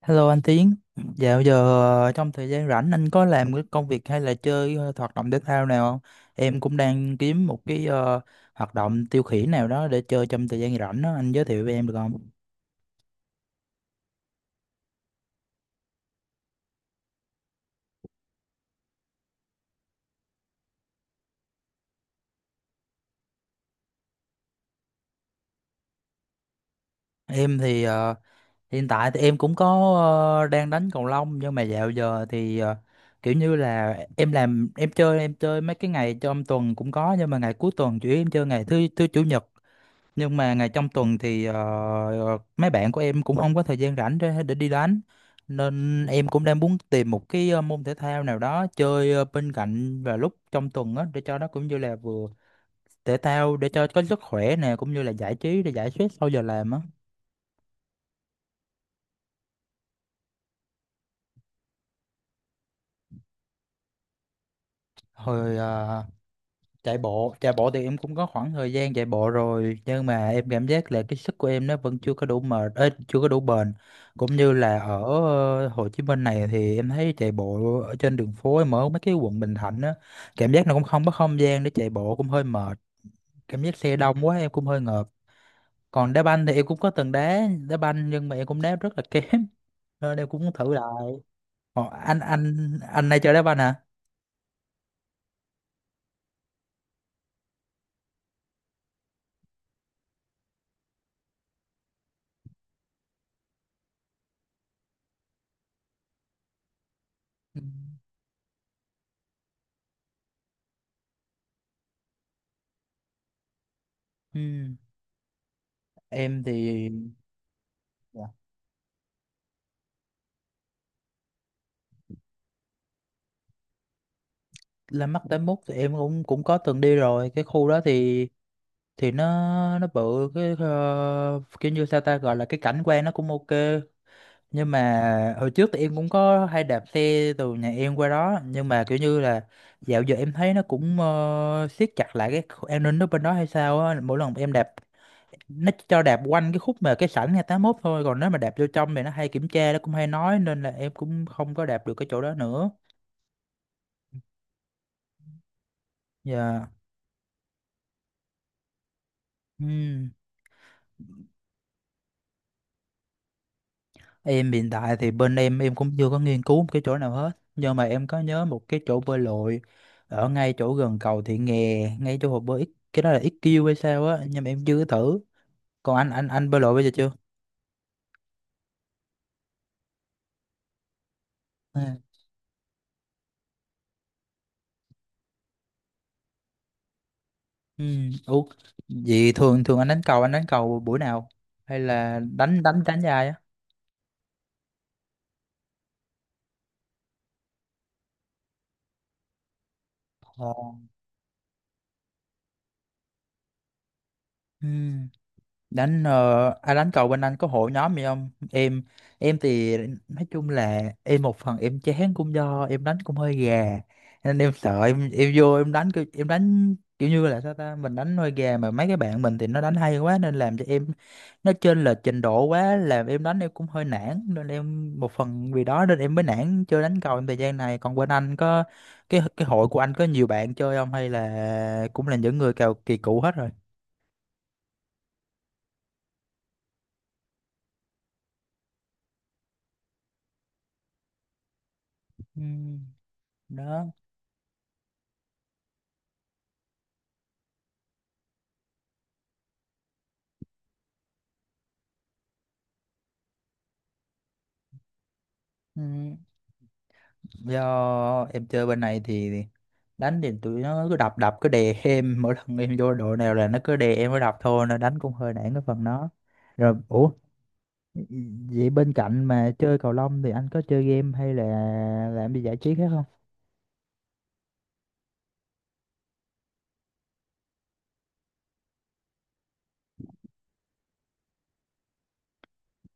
Hello anh Tiến, dạo giờ trong thời gian rảnh anh có làm cái công việc hay là chơi hoạt động thể thao nào không? Em cũng đang kiếm một cái hoạt động tiêu khiển nào đó để chơi trong thời gian rảnh đó, anh giới thiệu với em được không? Em thì hiện tại thì em cũng có đang đánh cầu lông, nhưng mà dạo giờ thì kiểu như là em làm, em chơi mấy cái ngày trong tuần cũng có, nhưng mà ngày cuối tuần chủ yếu em chơi ngày thứ thứ chủ nhật. Nhưng mà ngày trong tuần thì mấy bạn của em cũng không có thời gian rảnh để đi đánh, nên em cũng đang muốn tìm một cái môn thể thao nào đó chơi bên cạnh và lúc trong tuần á, để cho nó cũng như là vừa thể thao để cho có sức khỏe nè, cũng như là giải trí để giải stress sau giờ làm á. Hồi chạy bộ thì em cũng có khoảng thời gian chạy bộ rồi, nhưng mà em cảm giác là cái sức của em nó vẫn chưa có đủ mệt ấy, chưa có đủ bền, cũng như là ở Hồ Chí Minh này thì em thấy chạy bộ ở trên đường phố, em ở mấy cái quận Bình Thạnh á, cảm giác nó cũng không có không gian để chạy bộ, cũng hơi mệt. Cảm giác xe đông quá em cũng hơi ngợp. Còn đá banh thì em cũng có từng đá đá banh, nhưng mà em cũng đá rất là kém nên em cũng muốn thử lại. Ồ, anh này chơi đá banh hả? Ừ. Ừ, em thì dạ, La Mắt tám mốt thì em cũng cũng có từng đi rồi. Cái khu đó thì nó bự cái kiểu như sao ta gọi là, cái cảnh quan nó cũng ok, nhưng mà hồi trước thì em cũng có hay đạp xe từ nhà em qua đó, nhưng mà kiểu như là dạo giờ em thấy nó cũng siết chặt lại cái an ninh ở bên đó hay sao á, mỗi lần em đạp nó cho đạp quanh cái khúc mà cái sảnh ngày tám mốt thôi, còn nếu mà đạp vô trong thì nó hay kiểm tra, nó cũng hay nói, nên là em cũng không có đạp được cái chỗ đó nữa. Dạ. Ừ. Em hiện tại thì bên em cũng chưa có nghiên cứu một cái chỗ nào hết, nhưng mà em có nhớ một cái chỗ bơi lội ở ngay chỗ gần cầu Thị Nghè, ngay chỗ hồ bơi cái đó là XQ hay sao á, nhưng mà em chưa có thử. Còn anh bơi lội bây giờ chưa? À. Ừ. Ủa, vậy thường thường anh đánh cầu, anh đánh cầu buổi nào hay là đánh đánh đánh dài á? Ồ. Ừ. Đánh ai đánh cầu bên anh có hội nhóm gì không? Em, em thì nói chung là em một phần em chán cũng do em đánh cũng hơi gà, nên em sợ em vô em đánh em đánh kiểu như là sao ta, mình đánh hơi gà mà mấy cái bạn mình thì nó đánh hay quá, nên làm cho em nó trên là trình độ quá, làm em đánh em cũng hơi nản, nên em một phần vì đó nên em mới nản chơi đánh cầu trong thời gian này. Còn bên anh có cái hội của anh có nhiều bạn chơi không, hay là cũng là những người cào kỳ cựu hết rồi? Ừ, đó. Ừ, do em chơi bên này thì đánh thì tụi nó cứ đập đập cứ đè em mỗi lần em vô đội nào là nó cứ đè em mới đập thôi, nên đánh cũng hơi nản cái phần đó rồi. Ủa, vậy bên cạnh mà chơi cầu lông thì anh có chơi game hay là làm gì giải trí khác không?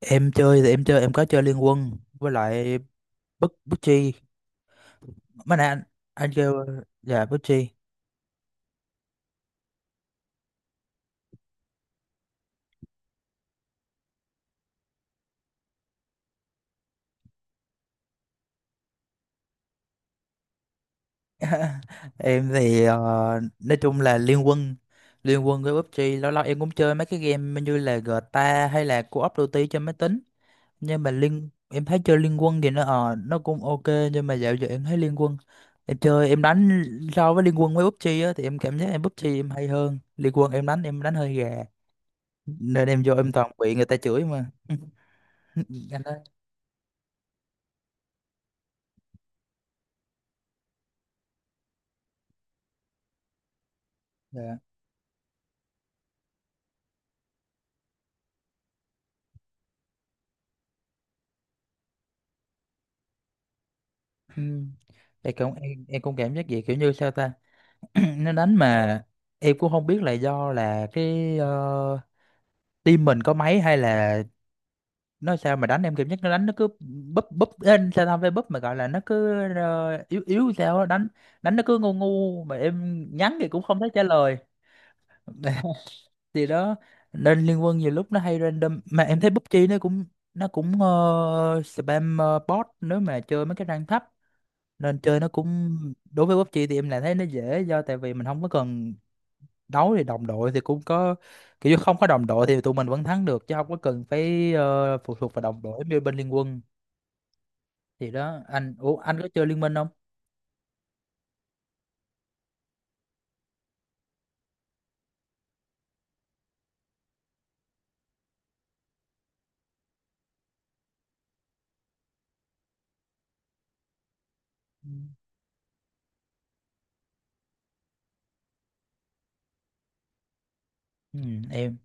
Em chơi thì em chơi, em có chơi Liên Quân với lại bức bức chi mấy nè anh kêu dạ bức chi? Em thì nói chung là liên quân với PUBG, lâu lâu em cũng chơi mấy cái game như là GTA hay là Call of Duty trên máy tính, nhưng mà liên em thấy chơi liên quân thì nó ờ nó cũng ok, nhưng mà dạo giờ em thấy liên quân em chơi em đánh, so với liên quân với PUBG á, thì em cảm giác em PUBG em hay hơn, liên quân em đánh hơi gà nên em vô em toàn bị người ta chửi mà. Anh ơi, dạ. Ừ. Em cũng em cũng cảm giác vậy, kiểu như sao ta nó đánh mà em cũng không biết là do là cái team mình có máy hay là nó sao, mà đánh em cảm giác nó đánh nó cứ búp búp lên sao tao phải búp mà gọi là, nó cứ yếu yếu sao á, đánh đánh nó cứ ngu ngu mà em nhắn thì cũng không thấy trả lời. Thì đó, nên liên quân nhiều lúc nó hay random, mà em thấy PUBG nó cũng spam bot nếu mà chơi mấy cái rank thấp, nên chơi nó cũng, đối với PUBG thì em lại thấy nó dễ, do tại vì mình không có cần đấu thì đồng đội thì cũng có, kiểu như không có đồng đội thì tụi mình vẫn thắng được, chứ không có cần phải phụ thuộc vào đồng đội như bên Liên Quân. Thì đó anh, ủa anh có chơi Liên Minh không? Ừ. Ừ, em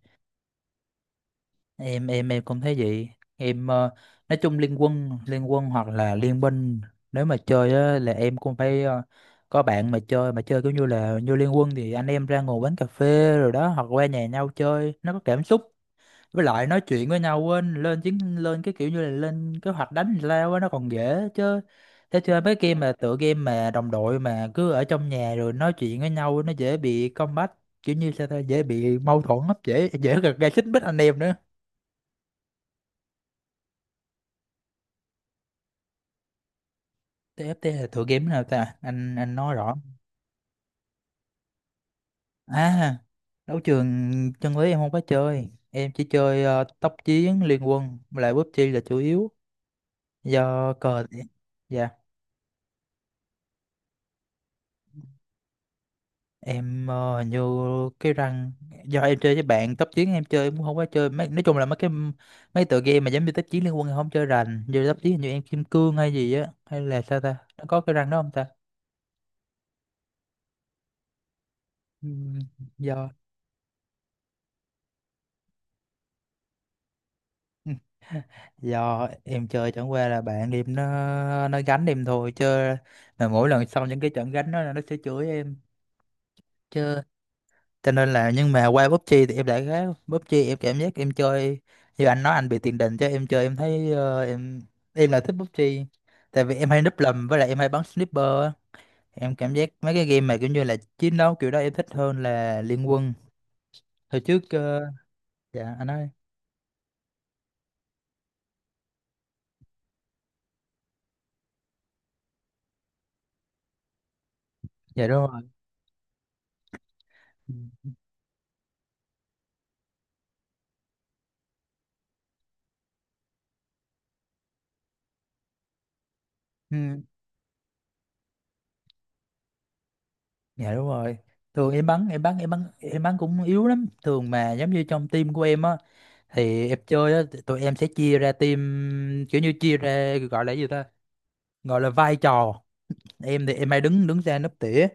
em cũng thấy vậy. Em nói chung Liên Quân, Liên Quân hoặc là Liên Minh, nếu mà chơi á, là em cũng phải có bạn mà chơi, mà chơi kiểu như là như Liên Quân thì anh em ra ngồi quán cà phê rồi đó, hoặc qua nhà nhau chơi, nó có cảm xúc, với lại nói chuyện với nhau quên lên chiến, lên cái kiểu như là lên kế hoạch đánh lao á, nó còn dễ, chứ thế chơi mấy game mà tựa game mà đồng đội mà cứ ở trong nhà rồi nói chuyện với nhau nó dễ bị combat, kiểu như sao ta, dễ bị mâu thuẫn lắm, dễ dễ gây gây xích mích anh em nữa. TFT là tựa game nào ta anh nói rõ? À, đấu trường chân lý em không có chơi, em chỉ chơi tốc chiến, liên quân với lại PUBG là chủ yếu. Do cờ, dạ em hình như cái răng, do em chơi với bạn tốc chiến, em chơi em cũng không có chơi mấy, nói chung là mấy cái mấy tựa game mà giống như tốc chiến, liên quân em không chơi rành. Như tốc chiến hình như em kim cương hay gì á, hay là sao ta, nó có cái răng đó không ta? Ừm, do do em chơi chẳng qua là bạn em nó gánh em thôi chơi, mà mỗi lần xong những cái trận gánh đó là nó sẽ chửi em, cho nên là nhưng mà qua PUBG thì em lại khác. PUBG em cảm giác em chơi, như anh nói anh bị tiền đình, cho em chơi em thấy ờ, em là thích PUBG tại vì em hay núp lùm, với lại em hay bắn sniper á. Em cảm giác mấy cái game mà kiểu như là chiến đấu kiểu đó em thích hơn là Liên Quân. Hồi trước dạ anh ơi, dạ đúng rồi. Ừ. Ừ, dạ đúng rồi. Thường em bắn cũng yếu lắm, thường mà giống như trong team của em á, thì em chơi á, tụi em sẽ chia ra team, kiểu như chia ra gọi là gì ta, gọi là vai trò. Em thì em hay đứng đứng ra nấp tỉa,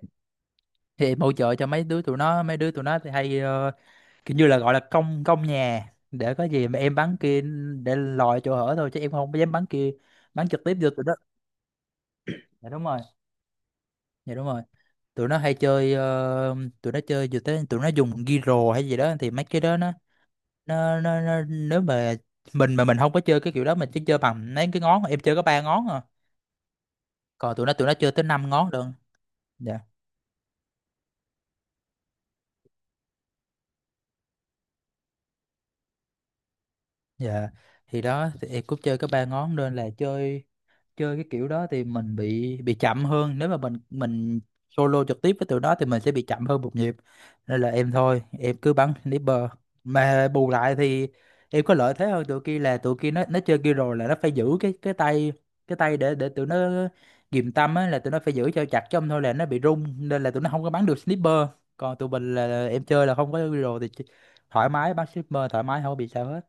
thì em hỗ trợ cho mấy đứa tụi nó, mấy đứa tụi nó thì hay kiểu như là gọi là công, công nhà, để có gì mà em bắn kia để lòi chỗ hở thôi, chứ em không dám bắn kia, bắn trực tiếp vô tụi nó. Dạ đúng rồi. Dạ đúng rồi. Tụi nó hay chơi tụi nó chơi vừa tới tụi nó dùng ghi rồ hay gì đó, thì mấy cái đó nó nó nếu mà mình không có chơi cái kiểu đó, mình chỉ chơi bằng mấy cái ngón, em chơi có ba ngón à, còn tụi nó chơi tới năm ngón luôn. Dạ, thì đó, thì em cũng chơi có ba ngón, nên là chơi, chơi cái kiểu đó thì mình bị chậm hơn, nếu mà mình solo trực tiếp với tụi nó thì mình sẽ bị chậm hơn một nhịp, nên là em thôi em cứ bắn sniper, mà bù lại thì em có lợi thế hơn tụi kia, là tụi kia nó chơi kia rồi là nó phải giữ cái cái tay để tụi nó ghìm tâm á, là tụi nó phải giữ cho chặt, chứ không thôi là nó bị rung, nên là tụi nó không có bắn được sniper, còn tụi mình là em chơi là không có hero thì thoải mái bắn sniper, thoải mái không có bị sao hết.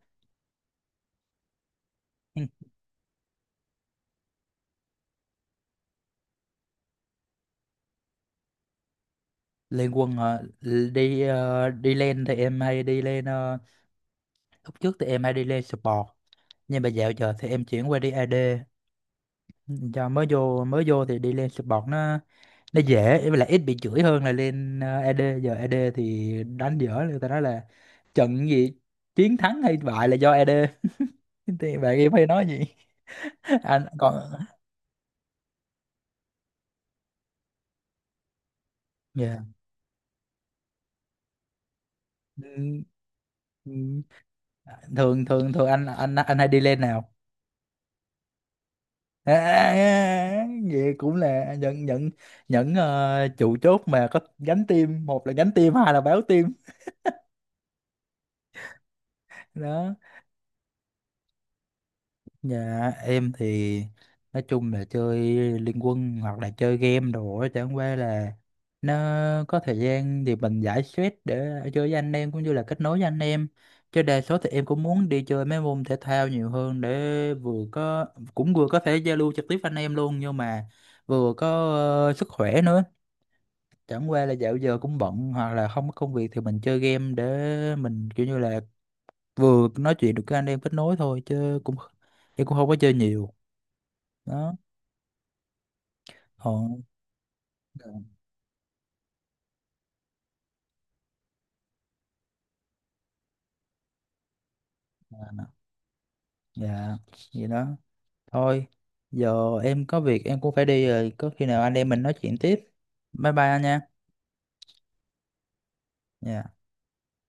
Lên quân hả? Đi đi lên thì em hay đi lên lúc trước thì em hay đi lên support, nhưng mà dạo giờ thì em chuyển qua đi AD, cho mới vô, mới vô thì đi lên support nó dễ, với lại ít bị chửi hơn là lên AD. Giờ AD thì đánh dở, người ta nói là trận gì chiến thắng hay bại là do AD. Thì bạn em hay nói gì. Anh còn, Yeah. Ừ. Ừ. thường thường thường anh hay đi lên nào? À, à, à, vậy cũng là những trụ chốt mà có gánh team, một là gánh team hai là báo team. Đó. Nhà em thì nói chung là chơi liên quân hoặc là chơi game đồ á, chẳng qua là nó có thời gian thì mình giải stress để chơi với anh em, cũng như là kết nối với anh em, chứ đa số thì em cũng muốn đi chơi mấy môn thể thao nhiều hơn để vừa có, cũng vừa có thể giao lưu trực tiếp với anh em luôn, nhưng mà vừa có sức khỏe nữa. Chẳng qua là dạo giờ cũng bận hoặc là không có công việc thì mình chơi game để mình kiểu như là vừa nói chuyện được với anh em, kết nối thôi, chứ cũng không có chơi nhiều. Đó. Còn, dạ, dạ, vậy đó, thôi, giờ em có việc em cũng phải đi rồi, có khi nào anh em mình nói chuyện tiếp. Bye bye anh nha. Dạ.